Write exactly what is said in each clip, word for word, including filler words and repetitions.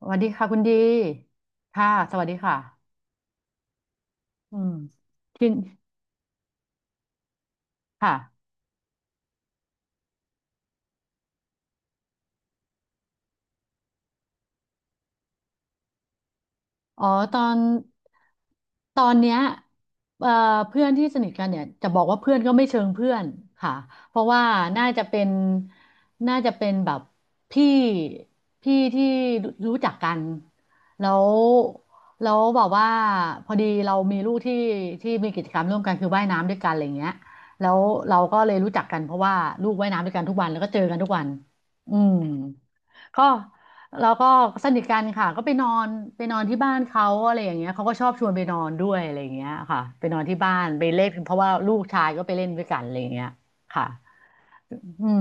สวัสดีค่ะคุณดีค่ะสวัสดีค่ะอืมทีนค่ะ อ๋อตอนตอนเนี้ยเอ่อเพื่อนที่สนิทกันเนี่ยจะบอกว่าเพื่อนก็ไม่เชิงเพื่อนค่ะเพราะว่าน่าจะเป็นน่าจะเป็นแบบพี่พี่ที่รู้จักกันแล้วแล้วบอกว่าพอดีเรามีลูกที่ที่มีกิจกรรมร่วมกันคือว่ายน้ำด้วยกันอะไรเงี้ยแล้วเราก็เลยรู้จักกันเพราะว่าลูกว่ายน้ำด้วยกันทุกวันแล้วก็เจอกันทุกวันอืม ก็เราก็สนิทกันค่ะก็ไปนอนไปนอนที่บ้านเขาอะไรอย่างเงี้ยเขาก็ชอบชวนไปนอนด้วยอะไรอย่างเงี้ยค่ะไปนอนที่บ้านไปเล่นเพราะว่าลูกชายก็ไปเล่นด้วยกันอะไรอย่างเงี้ยค่ะอืม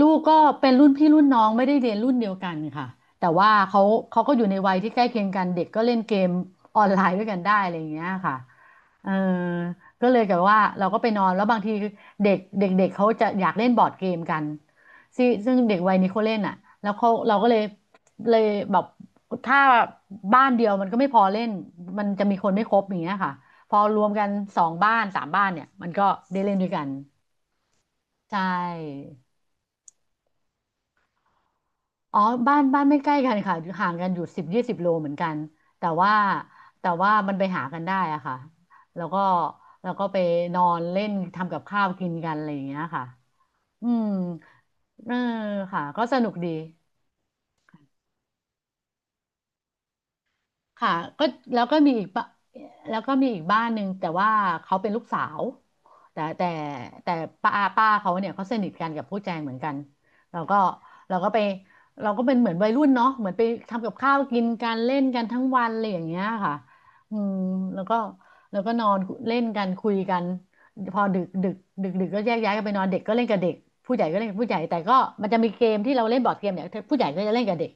ลูกก็เป็นรุ่นพี่รุ่นน้องไม่ได้เรียนรุ่นเดียวกันค่ะแต่ว่าเขาเขาก็อยู่ในวัยที่ใกล้เคียงกันเด็กก็เล่นเกมออนไลน์ด้วยกันได้อะไรอย่างเงี้ยค่ะเออก็เลยกบบว่าเราก็ไปนอนแล้วบางทีเด็กเด็กเด็กเขาจะอยากเล่นบอร์ดเกมกันซึ่งซึ่งเด็กวัยนี้เขาเล่นอ่ะแล้วเขาเราก็เลยเลยแบบถ้าบ้านเดียวมันก็ไม่พอเล่นมันจะมีคนไม่ครบอย่างเงี้ยค่ะพอรวมกันสองบ้านสามบ้านเนี่ยมันก็ได้เล่นด้วยกันใช่ อ๋อบ้านบ้านไม่ใกล้กันค่ะห่างกันอยู่สิบยี่สิบโลเหมือนกันแต่ว่าแต่ว่ามันไปหากันได้อะค่ะแล้วก็แล้วก็ไปนอนเล่นทำกับข้าวกินกันอะไรอย่างเงี้ยค่ะอืมเออค่ะก็สนุกดี ค่ะก็แล้วก็มีอีกบ้าแล้วก็มีอีกบ้านหนึ่งแต่ว่าเขาเป็นลูกสาวแต่แต่แต่ป้าป้าเขาเนี่ยเขาสนิทกันกับผู้แจงเหมือนกันเราก็เราก็ไปเราก็เป็นเหมือนวัยรุ่นเนาะเหมือนไปทำกับข้าวกินกันเล่นกันทั้งวันอะไรอย่างเงี้ยค่ะอืมแล้วก็แล้วก็นอนเล่นกันคุยกันพอดึกดึกดึกดึกก็แยกย้ายกันไปนอนเด็กก็เล่นกับเด็กผู้ใหญ่ก็เล่นกับผู้ใหญ่แต่ก็มันจะมีเกมที่เราเล่นบอร์ดเกมเนี่ยผู้ใหญ่ก็จะเล่นกับเด็ก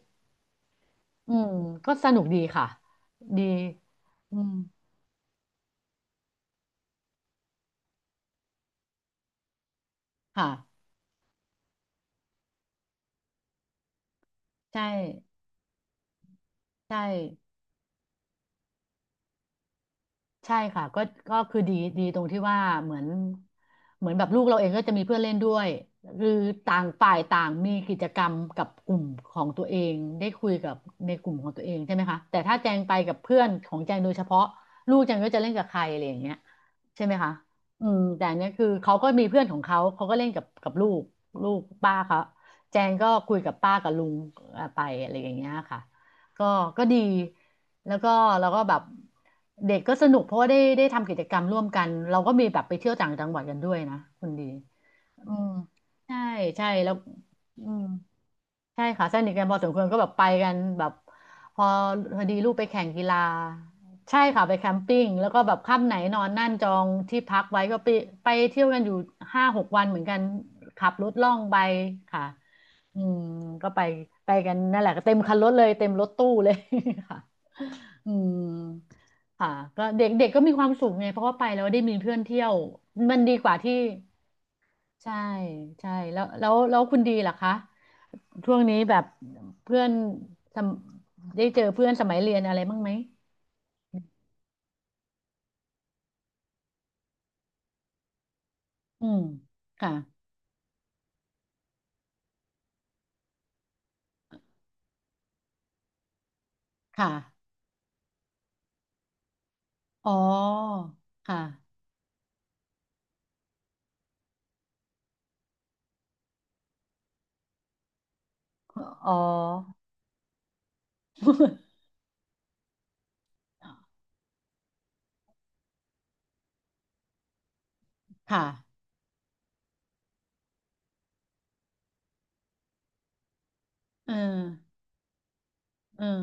อืมก็สนุกดีค่ะดีอืมค่ะใช่ใช่ ใช่ค่ะก็ก็คือดีดีตรงที่ว่าเหมือนเหมือนแบบลูกเราเองก็จะมีเพื่อนเล่นด้วยคือต่างฝ่ายต่างมีกิจกรรมกับกลุ่มของตัวเองได้คุยกับในกลุ่มของตัวเองใช่ไหมคะแต่ถ้าแจงไปกับเพื่อนของแจงโดยเฉพาะลูกแจงก็จะเล่นกับใครอะไรอย่างเงี้ยใช่ไหมคะอืมแต่อันเนี้ยคือเขาก็มีเพื่อนของเขาเขาก็เล่นกับกับลูกลูกป้าเขาแจงก็คุยกับป้ากับลุงเอ่อไปอะไรอย่างเงี้ยค่ะ ก็ก็ดีแล้วก็เราก็แบบเด็กก็สนุกเพราะว่าได้ได้ทำกิจกรรมร่วมกันเราก็มีแบบไปเที่ยวต่างจังหวัดกันด้วยนะคุณดีอืมใช่ใช่แล้วอืม ใช่ค่ะสนิทกันพอสมควรก็แบบไปกันแบบพอพอดีลูกไปแข่งกีฬาใช่ค่ะไปแคมปิ้งแล้วก็แบบค่ำไหนนอนนั่นจองที่พักไว้ก็ไปไปเที่ยวกันอยู่ห้าหกวันเหมือนกันขับรถล่องไปค่ะอืมก็ไปไปกันนั่นแหละก็เต็มคันรถเลยเต็มรถตู้เลย ค่ะอืมค่ะก็เด็กเด็กก็มีความสุขไงเพราะว่าไปแล้วได้มีเพื่อนเที่ยวมันดีกว่าที่ใช่ใช่แล้วแล้วแล้วคุณดีล่ะคะ ช่วงนี้แบบเพื่อนทำได้เจอเพื่อนสมัยเรียนอะไรบ้างไหมอืมค่ะค่ะอ๋อค่ะอ๋อค่ะเออเออ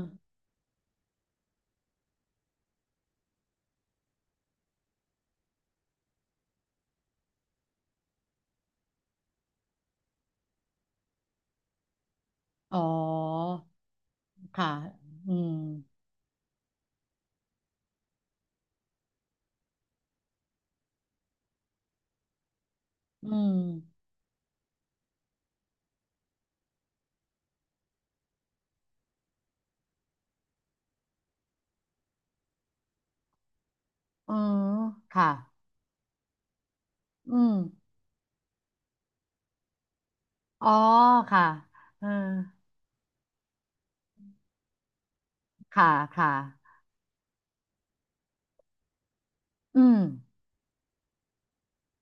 อ๋อค่ะอืมอืมอืมค่ะอืมอ๋อค่ะเออค่ะค่ะอืม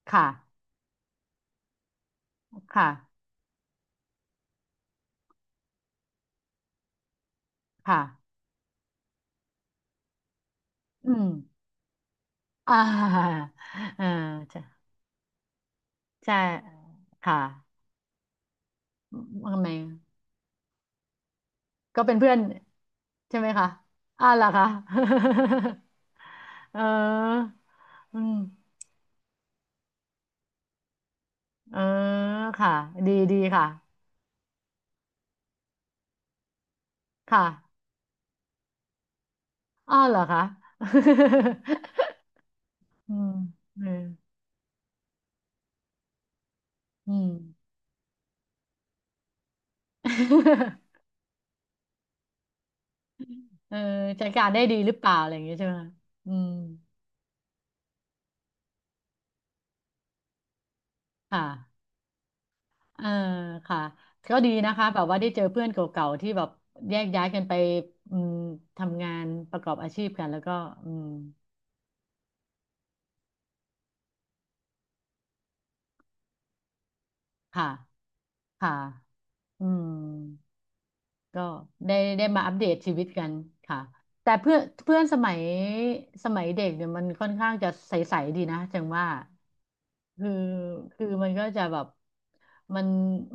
ค่ะค่ะค่ะอืมอ่า อ่าใช่ใช่ค่ะ ทำไมอะก็เป็นเพื่อนใช่ไหมคะอ่าล่ะคะ เอออืมเออค่ะดีดีค่ะค่ะอ้าวเหรอคะ อืมเอออืม เออจัดการได้ดีหรือเปล่าอะไรอย่างเงี้ยใช่ไหมคะอืมค่ะเออค่ะก็ดีนะคะแบบว่าได้เจอเพื่อนเก่าๆที่แบบแยกย้ายกันไปอืมทำงานประกอบอาชีพกันแล้วก็อืมค่ะ ค่ะอืมก็ได้ได้มาอัปเดตชีวิตกันค่ะแต่เพื่อนเพื่อนสมัยสมัยเด็กเนี่ยมันค่อนข้างจะใสๆดีนะจังว่าคือคือมันก็จะแบบมัน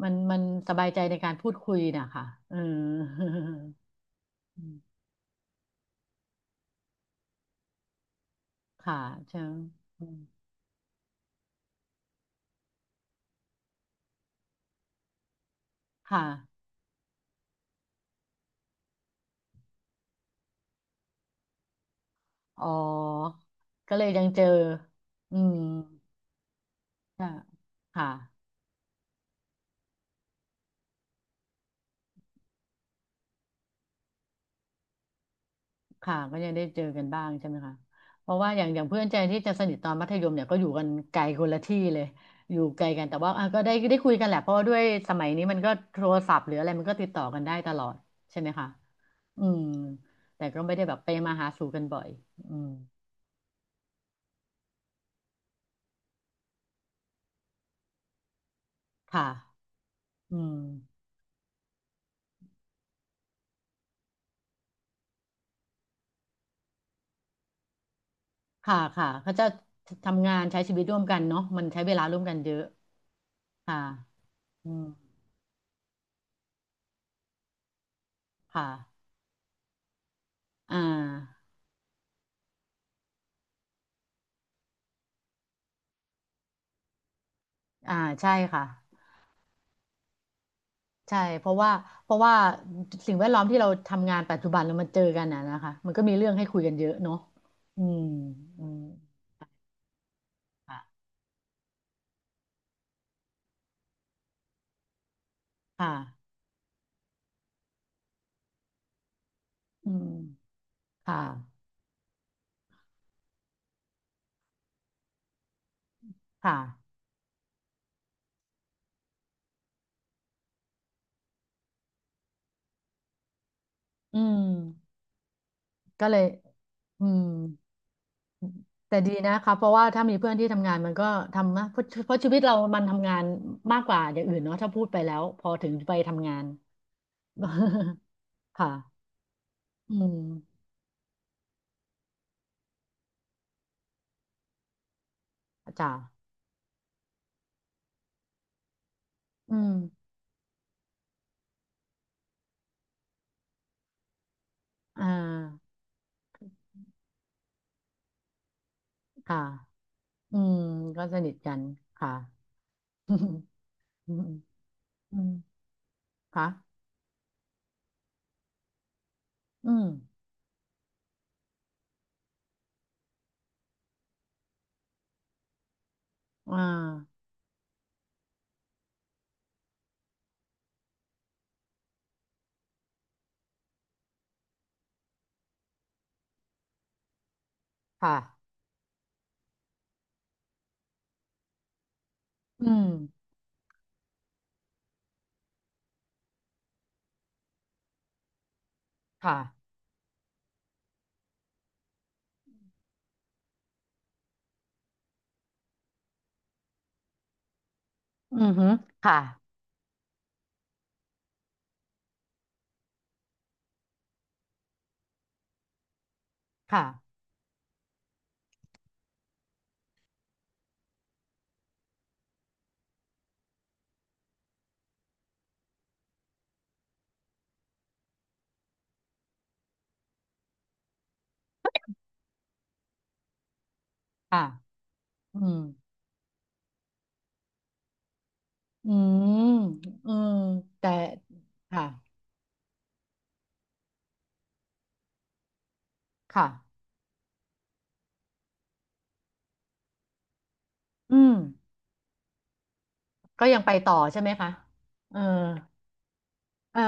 มันมันสบายใจในการพูดคุยนะคะเออ อืมค่ะใช่อืมค่ะ อ๋อ ก็เลยยังเจออืมค่ะค่ะ ค่ะก็ยังได้เจอกันบ้างใช่ไหมคะเพราะว่าอย่างอย่างเพื่อนใจที่จะสนิทตอนมัธยมเนี่ยก็อยู่กันไกลคนละที่เลยอยู่ไกลกันแต่ว่าอ่ะก็ได้ได้คุยกันแหละเพราะว่าด้วยสมัยนี้มันก็โทรศัพท์หรืออะไรมันก็ติดต่อกันได้ตลอดใช่ไหมคะอืมแต่ก็ไม่ได้แบบไปมาหาสู่กันบ่อยอืมค่ะอืมค่ะค่ะเขาจะทำงานใช้ชีวิตร่วมกันเนาะมันใช้เวลาร่วมกันเยอะค่ะอืมค่ะอ่าอ่าใช่ค่ะ ใช่เพราะว่าเพราะว่าสิ่งแวดล้อมที่เราทำงานปัจจุบันแล้วมันเจอกันน่ะนะคะมันก็มีเรื่องให้คุยกันเยอะเนาะอืมอืมค่ะค่ะอืมค่ะค่ะอืมก็เลยอืมแต่ดีนะคะเพราะว่าถ้ามีเพื่อนที่ทำงานมันก็ทำนะเพราะเพราะชีวิตเรามันทำงานมากกว่าอย่างอื่นเนาะถ้าพูดไปแล้วพอถึงไปทำงาน ค่ะอืมจ้าอืมอ่าค่ะอืมก็สนิทกันค่ะ อืมอืมอืมค่ะอืมอ่าค่ะอืมค่ะอืมฮึค่ะค่ะค่ะอืมอืมอืมแต่ค่ะค่ะอืมก็ยังไปต่อใช่ไหมคะเออเออ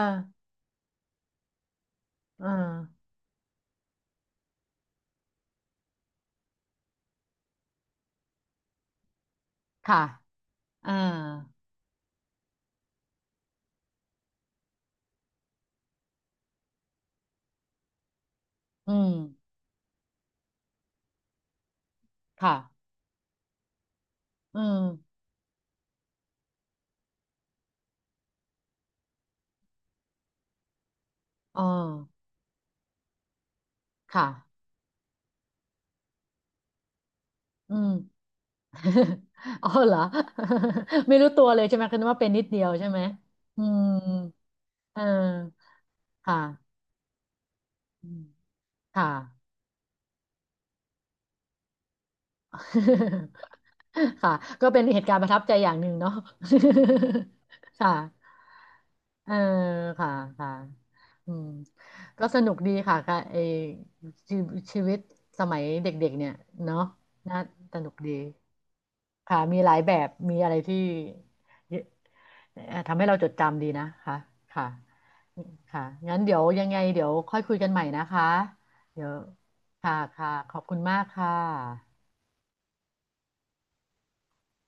เออค่ะอ่าอืมค่ะอืมอ๋อค่ะอืม อ๋อเหรอ ไม่รู้ตัวเลยใช่ไหมคือนึกว่าเป็นนิดเดียวใช่ไหมอืม เออค่ะอืมค่ะ ค่ะก็เป็นเหตุการณ์ประทับใจอย่างหนึ่งเนาะ ค่ะเออค่ะค่ะอืมก็สนุกดีค่ะค่ะไอชีชีวิตสมัยเด็กๆเนี่ยเนาะน่าสนุกดีค่ะมีหลายแบบมีอะไรที่เยอะเอ่อทำให้เราจดจำดีนะคะค่ะค่ะงั้นเดี๋ยวยังไงเดี๋ยวค่อยคุยกันใหม่นะคะเดี๋ยวค่ะค่ะขอบคุณมากค่ะ